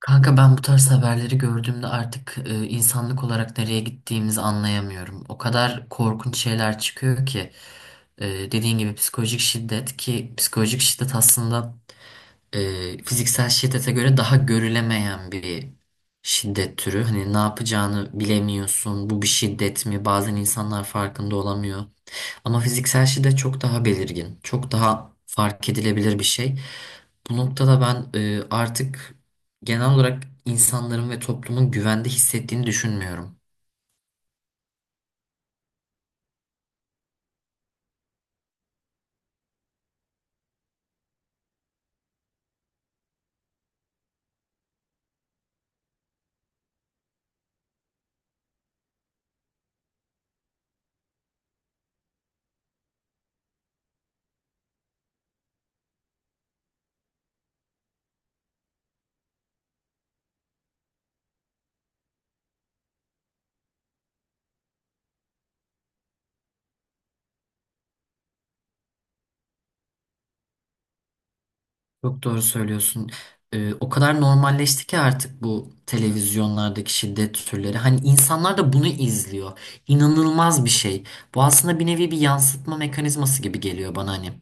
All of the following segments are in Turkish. Kanka ben bu tarz haberleri gördüğümde artık insanlık olarak nereye gittiğimizi anlayamıyorum. O kadar korkunç şeyler çıkıyor ki dediğin gibi psikolojik şiddet ki psikolojik şiddet aslında fiziksel şiddete göre daha görülemeyen bir şiddet türü. Hani ne yapacağını bilemiyorsun. Bu bir şiddet mi? Bazen insanlar farkında olamıyor. Ama fiziksel şiddet çok daha belirgin, çok daha fark edilebilir bir şey. Bu noktada ben artık genel olarak insanların ve toplumun güvende hissettiğini düşünmüyorum. Çok doğru söylüyorsun. O kadar normalleşti ki artık bu televizyonlardaki şiddet türleri. Hani insanlar da bunu izliyor. İnanılmaz bir şey. Bu aslında bir nevi bir yansıtma mekanizması gibi geliyor bana hani.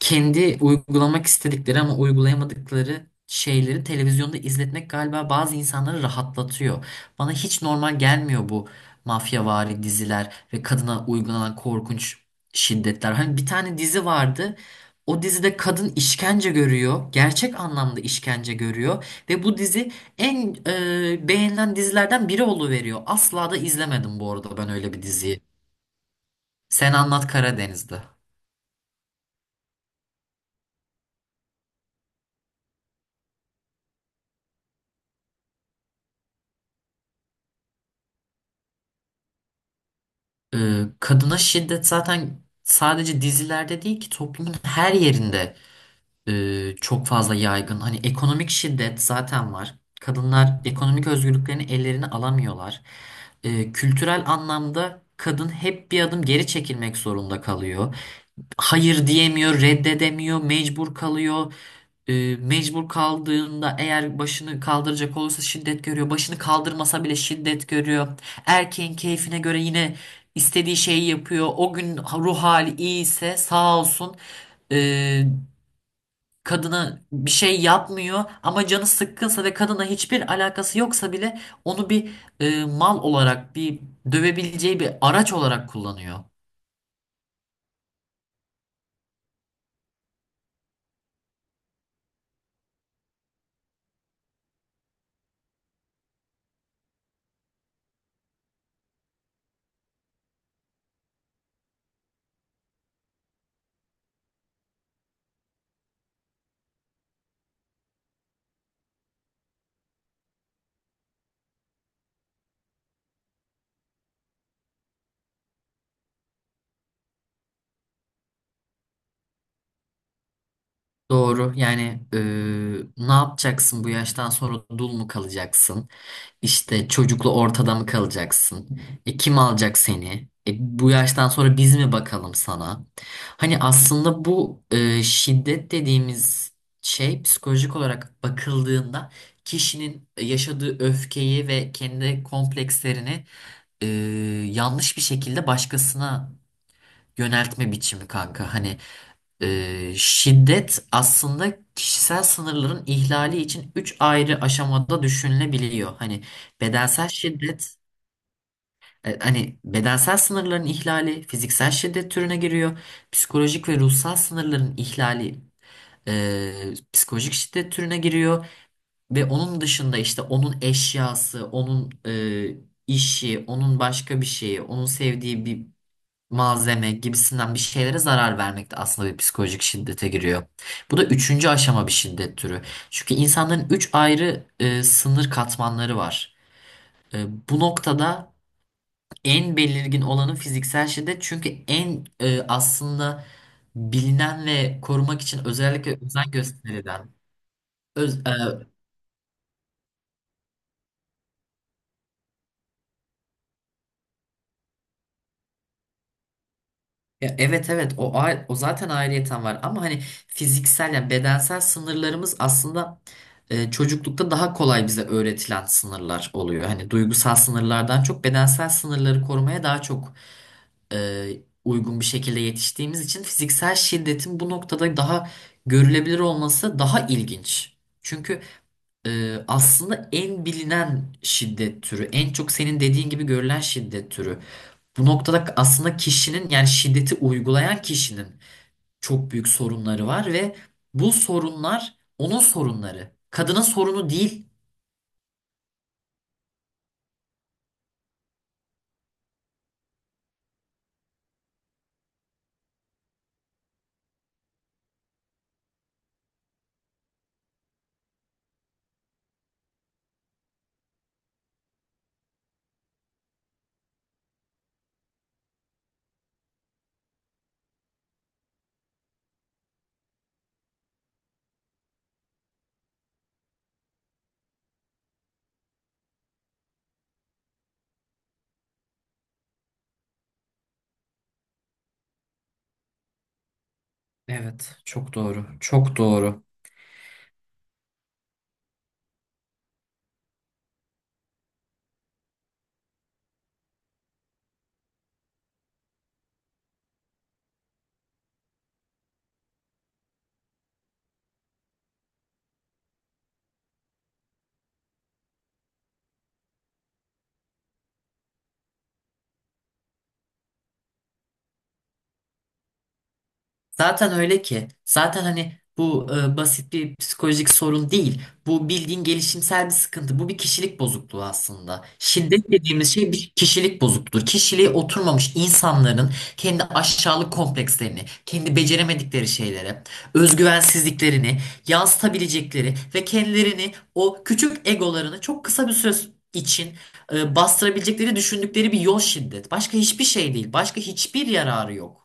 Kendi uygulamak istedikleri ama uygulayamadıkları şeyleri televizyonda izletmek galiba bazı insanları rahatlatıyor. Bana hiç normal gelmiyor bu mafyavari diziler ve kadına uygulanan korkunç şiddetler. Hani bir tane dizi vardı. O dizide kadın işkence görüyor. Gerçek anlamda işkence görüyor. Ve bu dizi en beğenilen dizilerden biri oluveriyor. Asla da izlemedim bu arada ben öyle bir diziyi. Sen Anlat Karadeniz'de. E, Kadına şiddet zaten sadece dizilerde değil ki toplumun her yerinde çok fazla yaygın. Hani ekonomik şiddet zaten var. Kadınlar ekonomik özgürlüklerini ellerine alamıyorlar. Kültürel anlamda kadın hep bir adım geri çekilmek zorunda kalıyor. Hayır diyemiyor, reddedemiyor, mecbur kalıyor. Mecbur kaldığında eğer başını kaldıracak olursa şiddet görüyor. Başını kaldırmasa bile şiddet görüyor. Erkeğin keyfine göre yine istediği şeyi yapıyor. O gün ruh hali iyi ise sağ olsun ee, kadına bir şey yapmıyor. Ama canı sıkkınsa ve kadına hiçbir alakası yoksa bile onu bir mal olarak bir dövebileceği bir araç olarak kullanıyor. Doğru. Yani ne yapacaksın bu yaştan sonra dul mu kalacaksın? İşte çocukla ortada mı kalacaksın? Kim alacak seni? Bu yaştan sonra biz mi bakalım sana? Hani aslında bu şiddet dediğimiz şey psikolojik olarak bakıldığında kişinin yaşadığı öfkeyi ve kendi komplekslerini eee, yanlış bir şekilde başkasına yöneltme biçimi kanka. Hani şiddet aslında kişisel sınırların ihlali için üç ayrı aşamada düşünülebiliyor. Hani bedensel şiddet, hani bedensel sınırların ihlali fiziksel şiddet türüne giriyor. Psikolojik ve ruhsal sınırların ihlali psikolojik şiddet türüne giriyor. Ve onun dışında işte onun eşyası, onun işi, onun başka bir şeyi, onun sevdiği bir malzeme gibisinden bir şeylere zarar vermek de aslında bir psikolojik şiddete giriyor. Bu da üçüncü aşama bir şiddet türü. Çünkü insanların üç ayrı sınır katmanları var. E, Bu noktada en belirgin olanı fiziksel şiddet. Çünkü en aslında bilinen ve korumak için özellikle özen gösterilen, öz- e, ya evet evet o o zaten ayrıyeten var ama hani fiziksel yani bedensel sınırlarımız aslında çocuklukta daha kolay bize öğretilen sınırlar oluyor. Hani duygusal sınırlardan çok bedensel sınırları korumaya daha çok e, uygun bir şekilde yetiştiğimiz için fiziksel şiddetin bu noktada daha görülebilir olması daha ilginç. Çünkü aslında en bilinen şiddet türü, en çok senin dediğin gibi görülen şiddet türü. Bu noktada aslında kişinin yani şiddeti uygulayan kişinin çok büyük sorunları var ve bu sorunlar onun sorunları. Kadının sorunu değil. Evet, çok doğru. Çok doğru. Zaten öyle ki. Zaten hani bu basit bir psikolojik sorun değil. Bu bildiğin gelişimsel bir sıkıntı. Bu bir kişilik bozukluğu aslında. Şiddet dediğimiz şey bir kişilik bozukluğu. Kişiliği oturmamış insanların kendi aşağılık komplekslerini, kendi beceremedikleri şeylere, özgüvensizliklerini yansıtabilecekleri ve kendilerini o küçük egolarını çok kısa bir süre için bastırabilecekleri düşündükleri bir yol şiddet. Başka hiçbir şey değil. Başka hiçbir yararı yok.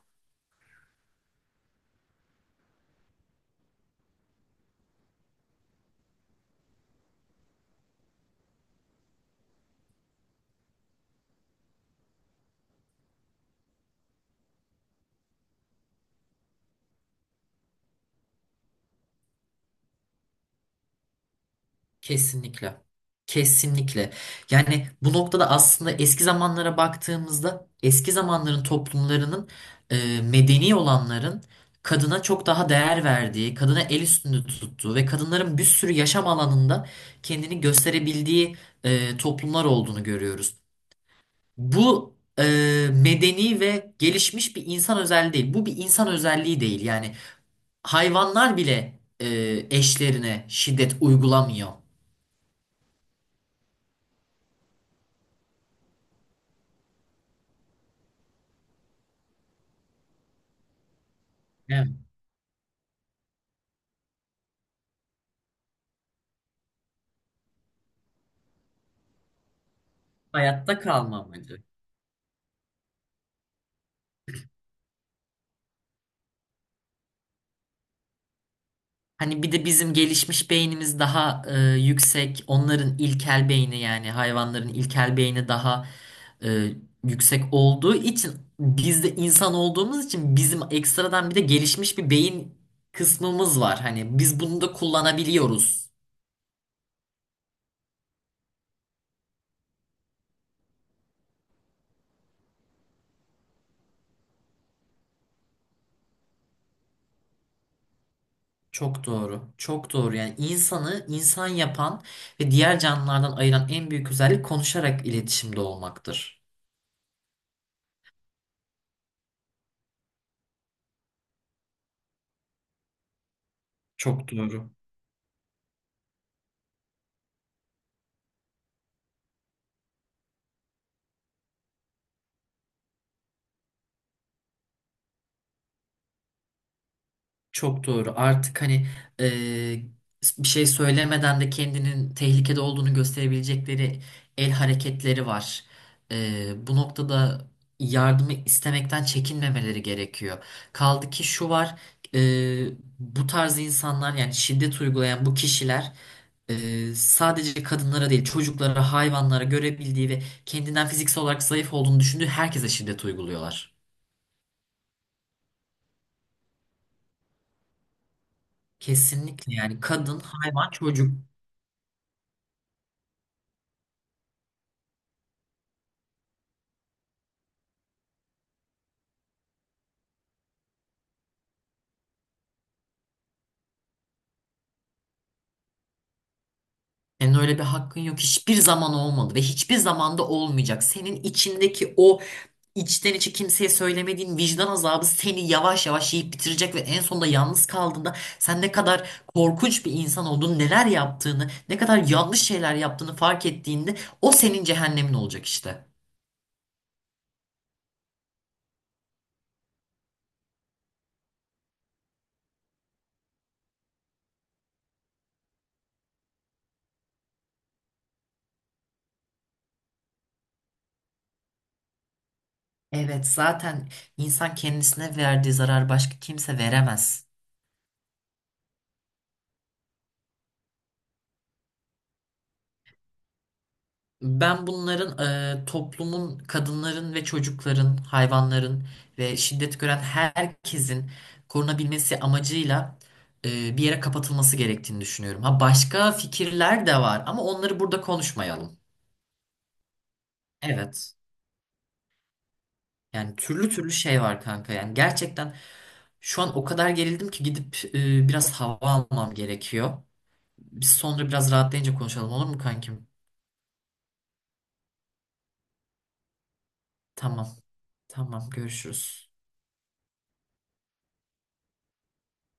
Kesinlikle. Kesinlikle. Yani bu noktada aslında eski zamanlara baktığımızda eski zamanların toplumlarının medeni olanların kadına çok daha değer verdiği, kadına el üstünde tuttuğu ve kadınların bir sürü yaşam alanında kendini gösterebildiği toplumlar olduğunu görüyoruz. Bu medeni ve gelişmiş bir insan özelliği değil. Bu bir insan özelliği değil. Yani hayvanlar bile eşlerine şiddet uygulamıyor. Hayatta kalma amacı. Hani bir de bizim gelişmiş beynimiz daha yüksek. Onların ilkel beyni yani hayvanların ilkel beyni daha e, yüksek olduğu için biz de insan olduğumuz için bizim ekstradan bir de gelişmiş bir beyin kısmımız var. Hani biz bunu da kullanabiliyoruz. Çok doğru. Çok doğru. Yani insanı insan yapan ve diğer canlılardan ayıran en büyük özellik konuşarak iletişimde olmaktır. Çok doğru. Çok doğru. Artık hani eee, bir şey söylemeden de kendinin tehlikede olduğunu gösterebilecekleri el hareketleri var. Bu noktada yardımı istemekten çekinmemeleri gerekiyor. Kaldı ki şu var, bu tarz insanlar yani şiddet uygulayan bu kişiler sadece kadınlara değil çocuklara, hayvanlara görebildiği ve kendinden fiziksel olarak zayıf olduğunu düşündüğü herkese şiddet uyguluyorlar. Kesinlikle yani kadın, hayvan, çocuk. Senin öyle bir hakkın yok. Hiçbir zaman olmadı ve hiçbir zamanda olmayacak. Senin içindeki o içten içe kimseye söylemediğin vicdan azabı seni yavaş yavaş yiyip bitirecek ve en sonunda yalnız kaldığında sen ne kadar korkunç bir insan olduğunu, neler yaptığını, ne kadar yanlış şeyler yaptığını fark ettiğinde o senin cehennemin olacak işte. Evet, zaten insan kendisine verdiği zarar başka kimse veremez. Ben bunların toplumun, kadınların ve çocukların, hayvanların ve şiddet gören herkesin korunabilmesi amacıyla bir yere kapatılması gerektiğini düşünüyorum. Ha başka fikirler de var ama onları burada konuşmayalım. Evet. Yani türlü türlü şey var kanka. Yani gerçekten şu an o kadar gerildim ki gidip biraz hava almam gerekiyor. Biz sonra biraz rahatlayınca konuşalım olur mu kankim? Tamam. Tamam görüşürüz.